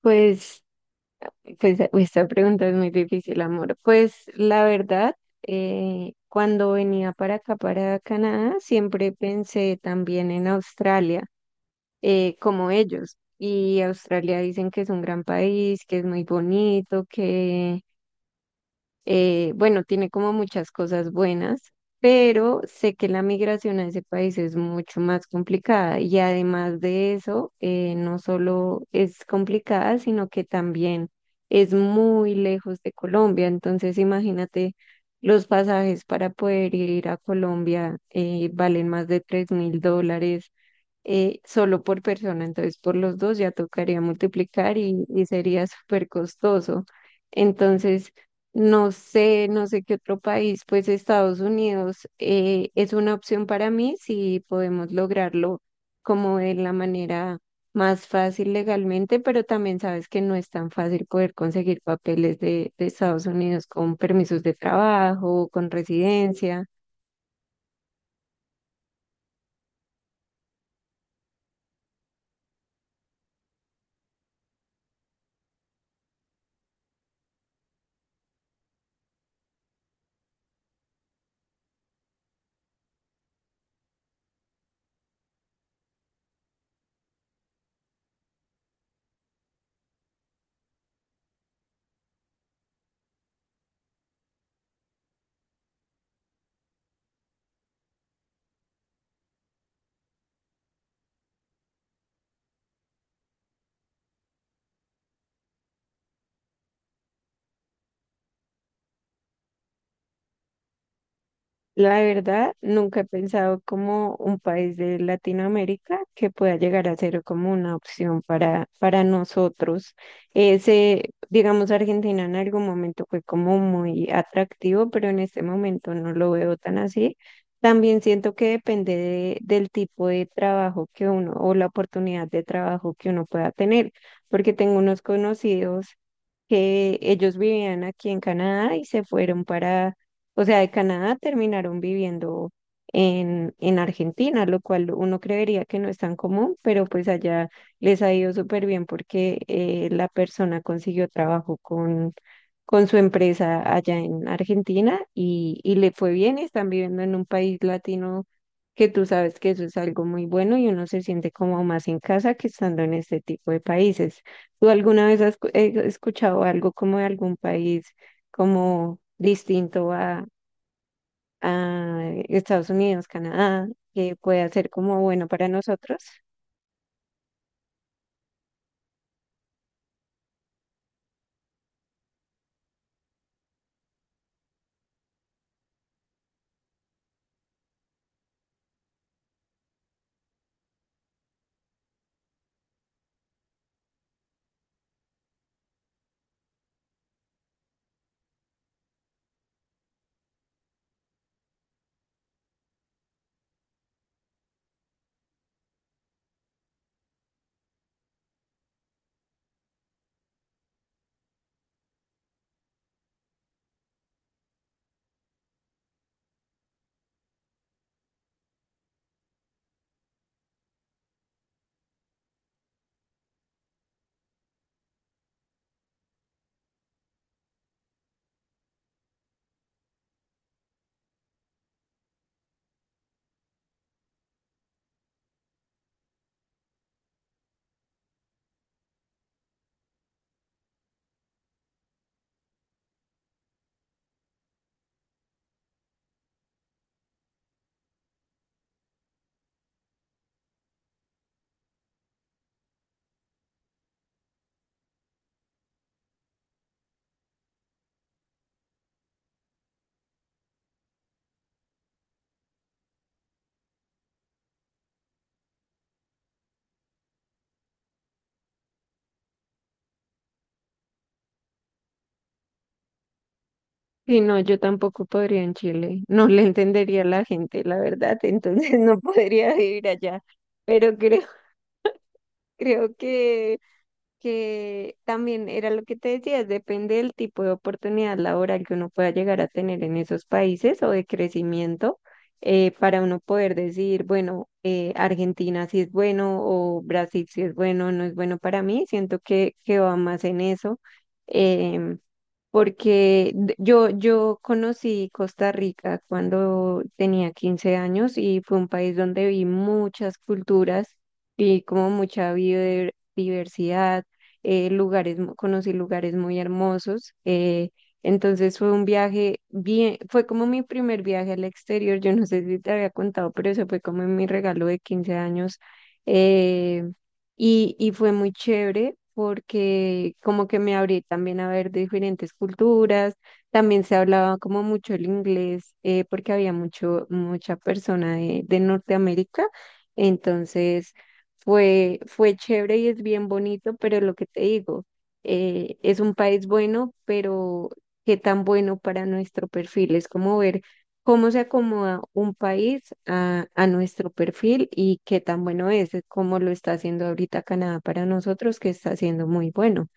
Pues, pues, esta pregunta es muy difícil, amor. Pues la verdad, cuando venía para acá, para Canadá, siempre pensé también en Australia, como ellos. Y Australia dicen que es un gran país, que es muy bonito, que bueno, tiene como muchas cosas buenas, pero sé que la migración a ese país es mucho más complicada y además de eso, no solo es complicada, sino que también es muy lejos de Colombia. Entonces, imagínate, los pasajes para poder ir a Colombia valen más de $3000 solo por persona. Entonces, por los dos ya tocaría multiplicar y sería súper costoso. Entonces, no sé qué otro país, pues Estados Unidos es una opción para mí si podemos lograrlo como de la manera más fácil legalmente, pero también sabes que no es tan fácil poder conseguir papeles de Estados Unidos con permisos de trabajo, con residencia. La verdad, nunca he pensado como un país de Latinoamérica que pueda llegar a ser como una opción para nosotros. Ese, digamos, Argentina en algún momento fue como muy atractivo, pero en este momento no lo veo tan así. También siento que depende del tipo de trabajo que uno o la oportunidad de trabajo que uno pueda tener, porque tengo unos conocidos que ellos vivían aquí en Canadá y se fueron para, o sea, de Canadá terminaron viviendo en Argentina, lo cual uno creería que no es tan común, pero pues allá les ha ido súper bien porque la persona consiguió trabajo con su empresa allá en Argentina y le fue bien y están viviendo en un país latino. Que tú sabes que eso es algo muy bueno y uno se siente como más en casa que estando en este tipo de países. ¿Tú alguna vez has escuchado algo como de algún país como distinto a Estados Unidos, Canadá, que pueda ser como bueno para nosotros? Y no, yo tampoco podría en Chile. No le entendería a la gente, la verdad, entonces no podría vivir allá. Pero creo, creo que también era lo que te decía, depende del tipo de oportunidad laboral que uno pueda llegar a tener en esos países o de crecimiento para uno poder decir, bueno, Argentina sí es bueno o Brasil sí es bueno, no es bueno para mí, siento que va más en eso. em, Porque yo, yo conocí Costa Rica cuando tenía 15 años y fue un país donde vi muchas culturas y como mucha biodiversidad, lugares, conocí lugares muy hermosos. Entonces fue un viaje bien, fue como mi primer viaje al exterior, yo no sé si te había contado, pero eso fue como mi regalo de 15 años. eh, y fue muy chévere porque como que me abrí también a ver diferentes culturas, también se hablaba como mucho el inglés porque había mucha persona de Norteamérica, entonces fue chévere y es bien bonito, pero lo que te digo, es un país bueno, pero qué tan bueno para nuestro perfil, es como ver cómo se acomoda un país a nuestro perfil y qué tan bueno es, cómo lo está haciendo ahorita Canadá para nosotros, que está haciendo muy bueno.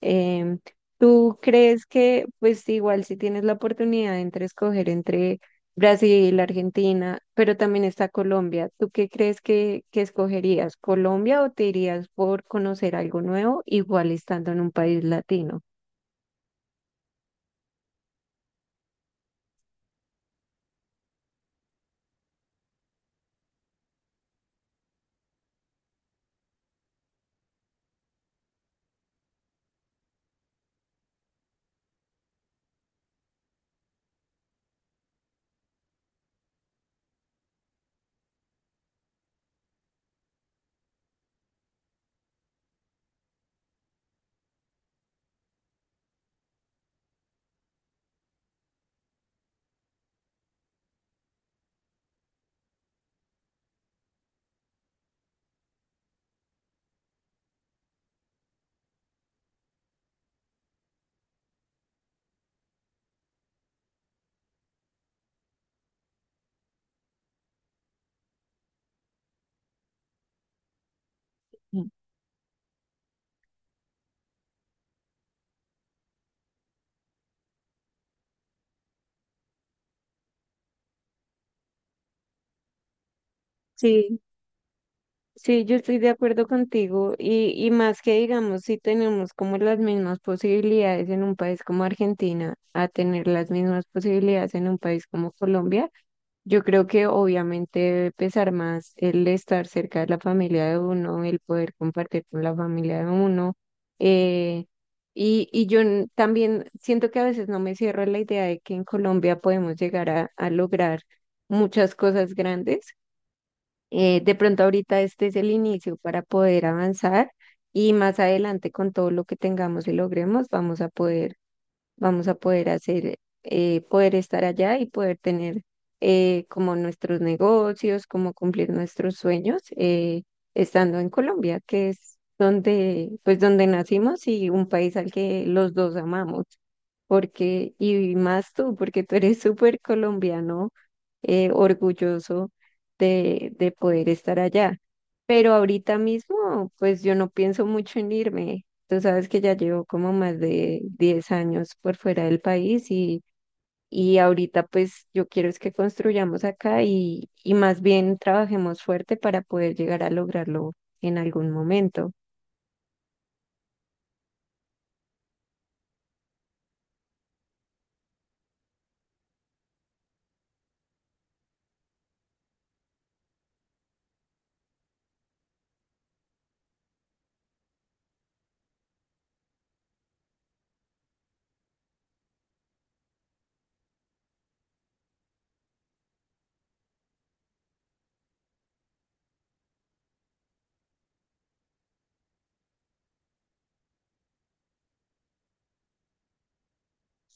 Em, ¿Tú crees pues igual si tienes la oportunidad entre escoger entre Brasil, Argentina, pero también está Colombia, ¿tú qué crees que escogerías? ¿Colombia o te irías por conocer algo nuevo, igual estando en un país latino? Mm. Sí, sí, yo estoy de acuerdo contigo y más que digamos, si tenemos como las mismas posibilidades en un país como Argentina a tener las mismas posibilidades en un país como Colombia, yo creo que obviamente debe pesar más el estar cerca de la familia de uno, el poder compartir con la familia de uno. eh, y yo también siento que a veces no me cierro a la idea de que en Colombia podemos llegar a lograr muchas cosas grandes de pronto ahorita este es el inicio para poder avanzar y más adelante con todo lo que tengamos y logremos vamos a poder hacer, poder estar allá y poder tener como nuestros negocios, como cumplir nuestros sueños estando en Colombia, que es donde, pues donde nacimos y un país al que los dos amamos, porque, y más tú, porque tú eres súper colombiano, orgulloso de poder estar allá. Pero ahorita mismo, pues yo no pienso mucho en irme. Tú sabes que ya llevo como más de 10 años por fuera del país y ahorita pues yo quiero es que construyamos acá y más bien trabajemos fuerte para poder llegar a lograrlo en algún momento.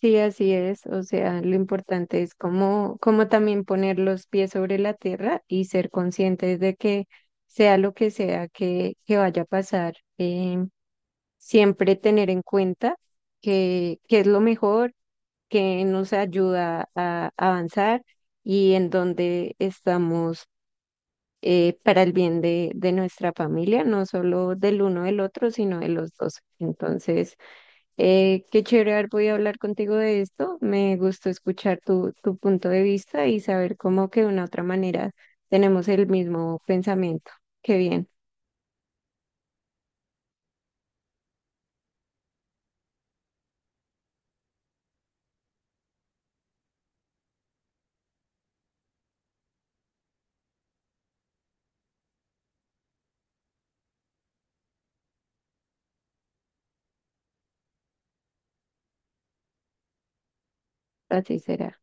Sí, así es. O sea, lo importante es como, como también poner los pies sobre la tierra y ser conscientes de que sea lo que sea que vaya a pasar, siempre tener en cuenta que es lo mejor que nos ayuda a avanzar y en donde estamos para el bien de nuestra familia, no solo del uno del otro, sino de los dos. Entonces, qué chévere haber podido hablar contigo de esto. Me gustó escuchar tu punto de vista y saber cómo que de una u otra manera tenemos el mismo pensamiento. Qué bien, así será.